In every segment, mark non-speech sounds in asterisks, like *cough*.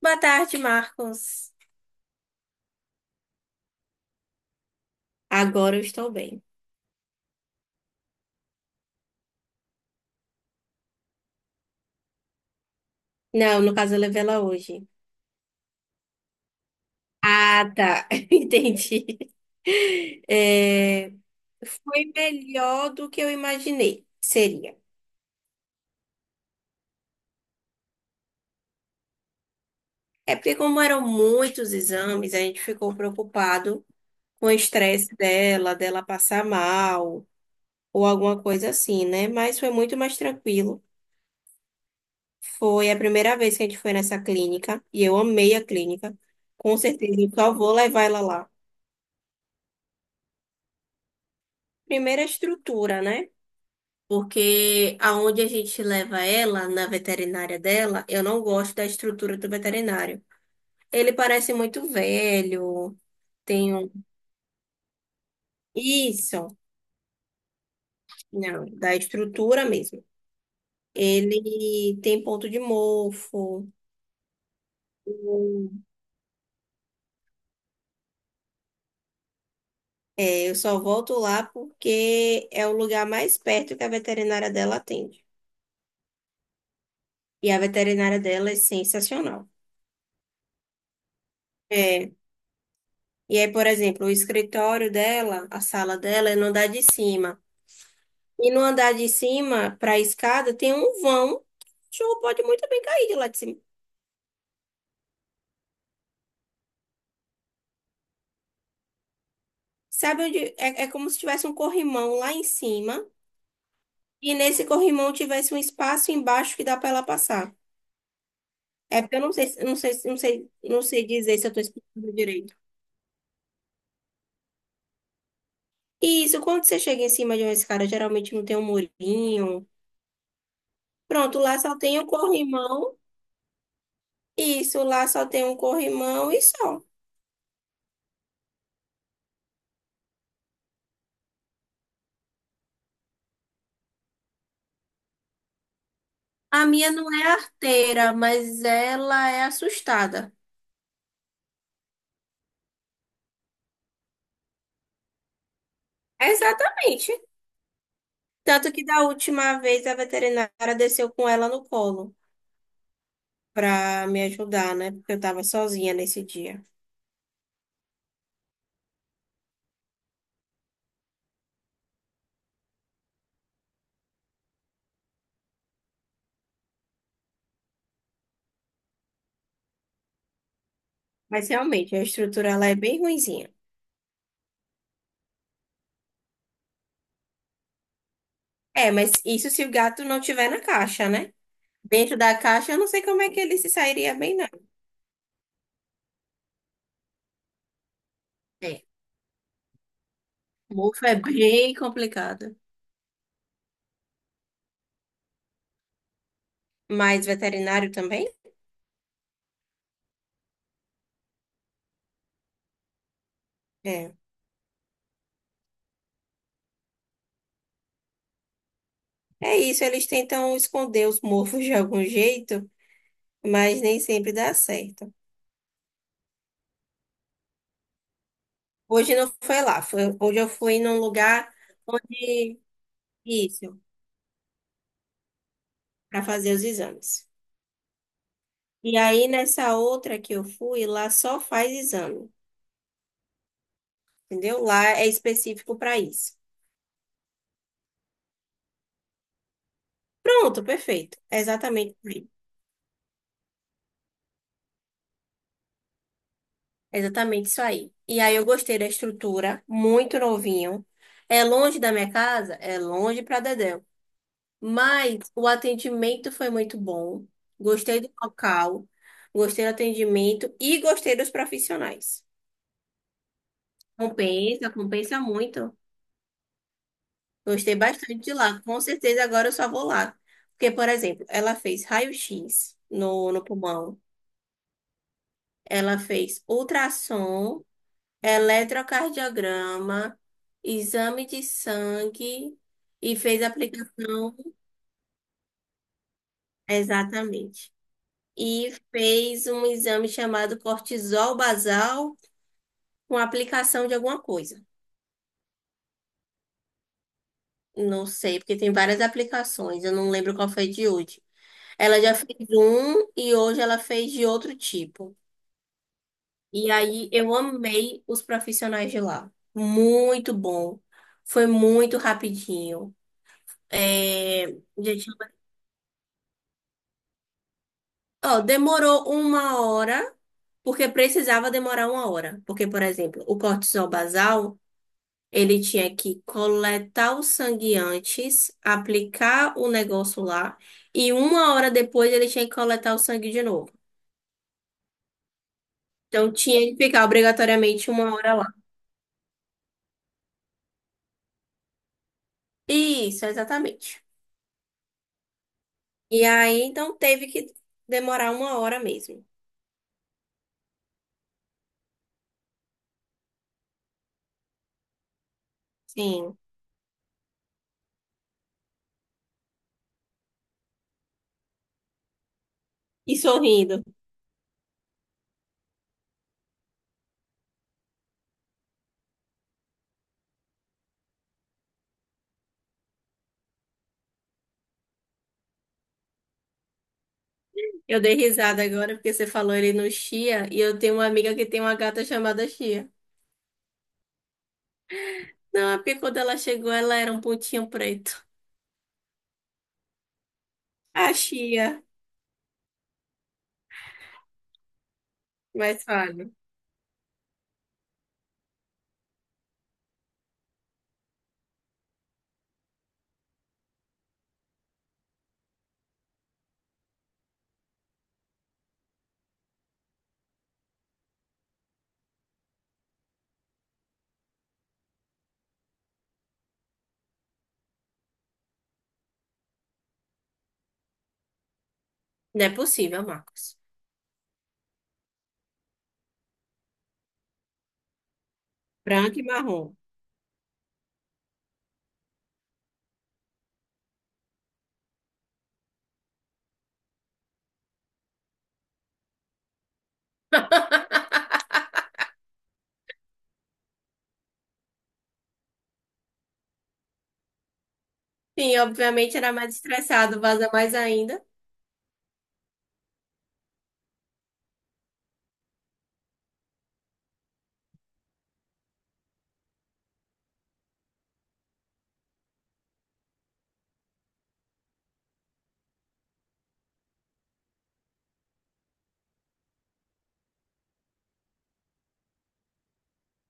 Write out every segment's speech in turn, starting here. Boa tarde, Marcos. Agora eu estou bem. Não, no caso eu levei ela hoje. Ah, tá. *laughs* Entendi. É, Foi melhor do que eu imaginei. Seria. É porque, como eram muitos exames, a gente ficou preocupado com o estresse dela, passar mal, ou alguma coisa assim, né? Mas foi muito mais tranquilo. Foi a primeira vez que a gente foi nessa clínica, e eu amei a clínica. Com certeza, eu só vou levar ela lá. Primeiro a estrutura, né? Porque aonde a gente leva ela, na veterinária dela, eu não gosto da estrutura do veterinário. Ele parece muito velho, tem um... Isso, não, da estrutura mesmo. Ele tem ponto de mofo. É, eu só volto lá porque é o lugar mais perto que a veterinária dela atende. E a veterinária dela é sensacional. É. E aí, por exemplo, o escritório dela, a sala dela é no andar de cima. E no andar de cima, para a escada, tem um vão. Que O cachorro pode muito bem cair de lá de cima. Sabe onde? É, é como se tivesse um corrimão lá em cima. E nesse corrimão tivesse um espaço embaixo que dá para ela passar. É porque eu não sei, se- não sei, se- não sei, não sei dizer se eu estou explicando direito. E isso, quando você chega em cima de uma escada, geralmente não tem um murinho. Pronto, lá só tem um corrimão. Isso, lá só tem um corrimão e só. A minha não é arteira, mas ela é assustada. Exatamente. Tanto que da última vez a veterinária desceu com ela no colo pra me ajudar, né? Porque eu tava sozinha nesse dia. Mas realmente, a estrutura ela é bem ruinzinha. É, mas isso se o gato não tiver na caixa, né? Dentro da caixa, eu não sei como é que ele se sairia bem, não. É. Mofo é bem complicado. Mas veterinário também? É. É isso, eles tentam esconder os mofos de algum jeito, mas nem sempre dá certo. Hoje não foi lá, hoje eu fui num lugar onde isso, para fazer os exames. E aí nessa outra que eu fui, lá só faz exame, entendeu? Lá é específico para isso. Pronto, perfeito. É exatamente, por aí. É exatamente isso aí. E aí eu gostei da estrutura, muito novinho. É longe da minha casa, é longe para Dedéu. Mas o atendimento foi muito bom. Gostei do local, gostei do atendimento e gostei dos profissionais. Compensa, compensa muito. Gostei bastante de lá. Com certeza agora eu só vou lá. Porque, por exemplo, ela fez raio-x no pulmão, ela fez ultrassom, eletrocardiograma, exame de sangue e fez aplicação. Exatamente. E fez um exame chamado cortisol basal com aplicação de alguma coisa. Não sei, porque tem várias aplicações. Eu não lembro qual foi de hoje. Ela já fez um e hoje ela fez de outro tipo. E aí eu amei os profissionais de lá. Muito bom. Foi muito rapidinho. É... gente, Ó, demorou uma hora, porque precisava demorar uma hora. Porque, por exemplo, o cortisol basal, ele tinha que coletar o sangue antes, aplicar o negócio lá, e uma hora depois ele tinha que coletar o sangue de novo. Então tinha que ficar obrigatoriamente uma hora lá. Isso, exatamente. E aí, então, teve que demorar uma hora mesmo. Sim. E sorrindo. Eu dei risada agora porque você falou ele no Chia e eu tenho uma amiga que tem uma gata chamada Chia. Não, é porque quando ela chegou, ela era um pontinho preto. A Chia. Mas fala. Não é possível, Marcos. Branco e marrom. *laughs* Sim, obviamente era mais estressado, vaza mais ainda.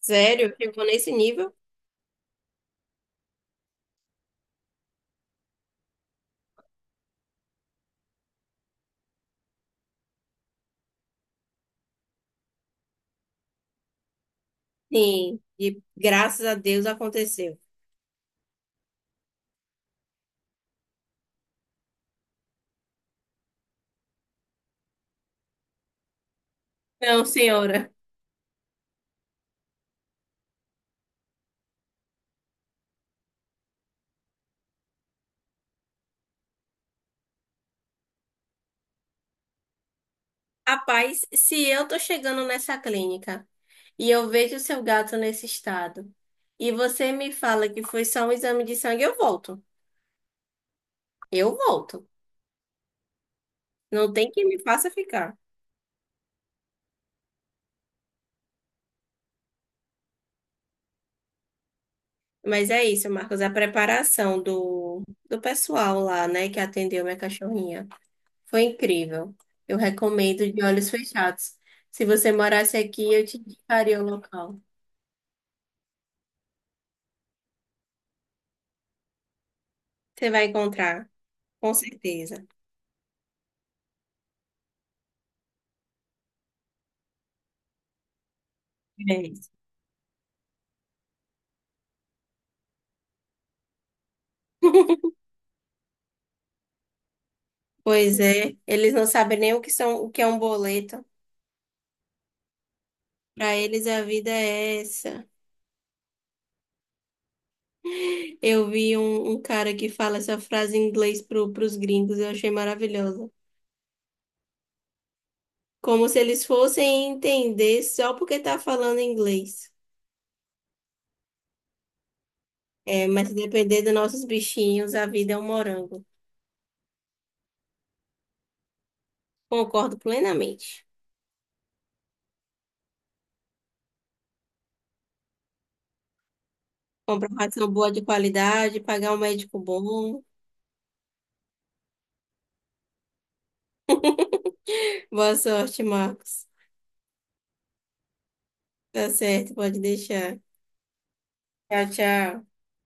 Sério? Chegou nesse nível? Sim. E graças a Deus aconteceu. Não, senhora. Rapaz, se eu tô chegando nessa clínica e eu vejo o seu gato nesse estado e você me fala que foi só um exame de sangue, eu volto. Eu volto. Não tem quem me faça ficar. Mas é isso, Marcos. A preparação do pessoal lá, né, que atendeu minha cachorrinha foi incrível. Eu recomendo de olhos fechados. Se você morasse aqui, eu te indicaria o local. Você vai encontrar, com certeza. É isso. *laughs* Pois é, eles não sabem nem o que são, o que é um boleto. Para eles a vida é essa. Eu vi um cara que fala essa frase em inglês pros gringos, eu achei maravilhosa. Como se eles fossem entender só porque tá falando inglês. É, mas se depender dos nossos bichinhos, a vida é um morango. Concordo plenamente. Comprar uma ração boa de qualidade, pagar um médico bom. Boa sorte, Marcos. Tá certo, pode deixar. Tchau, tchau.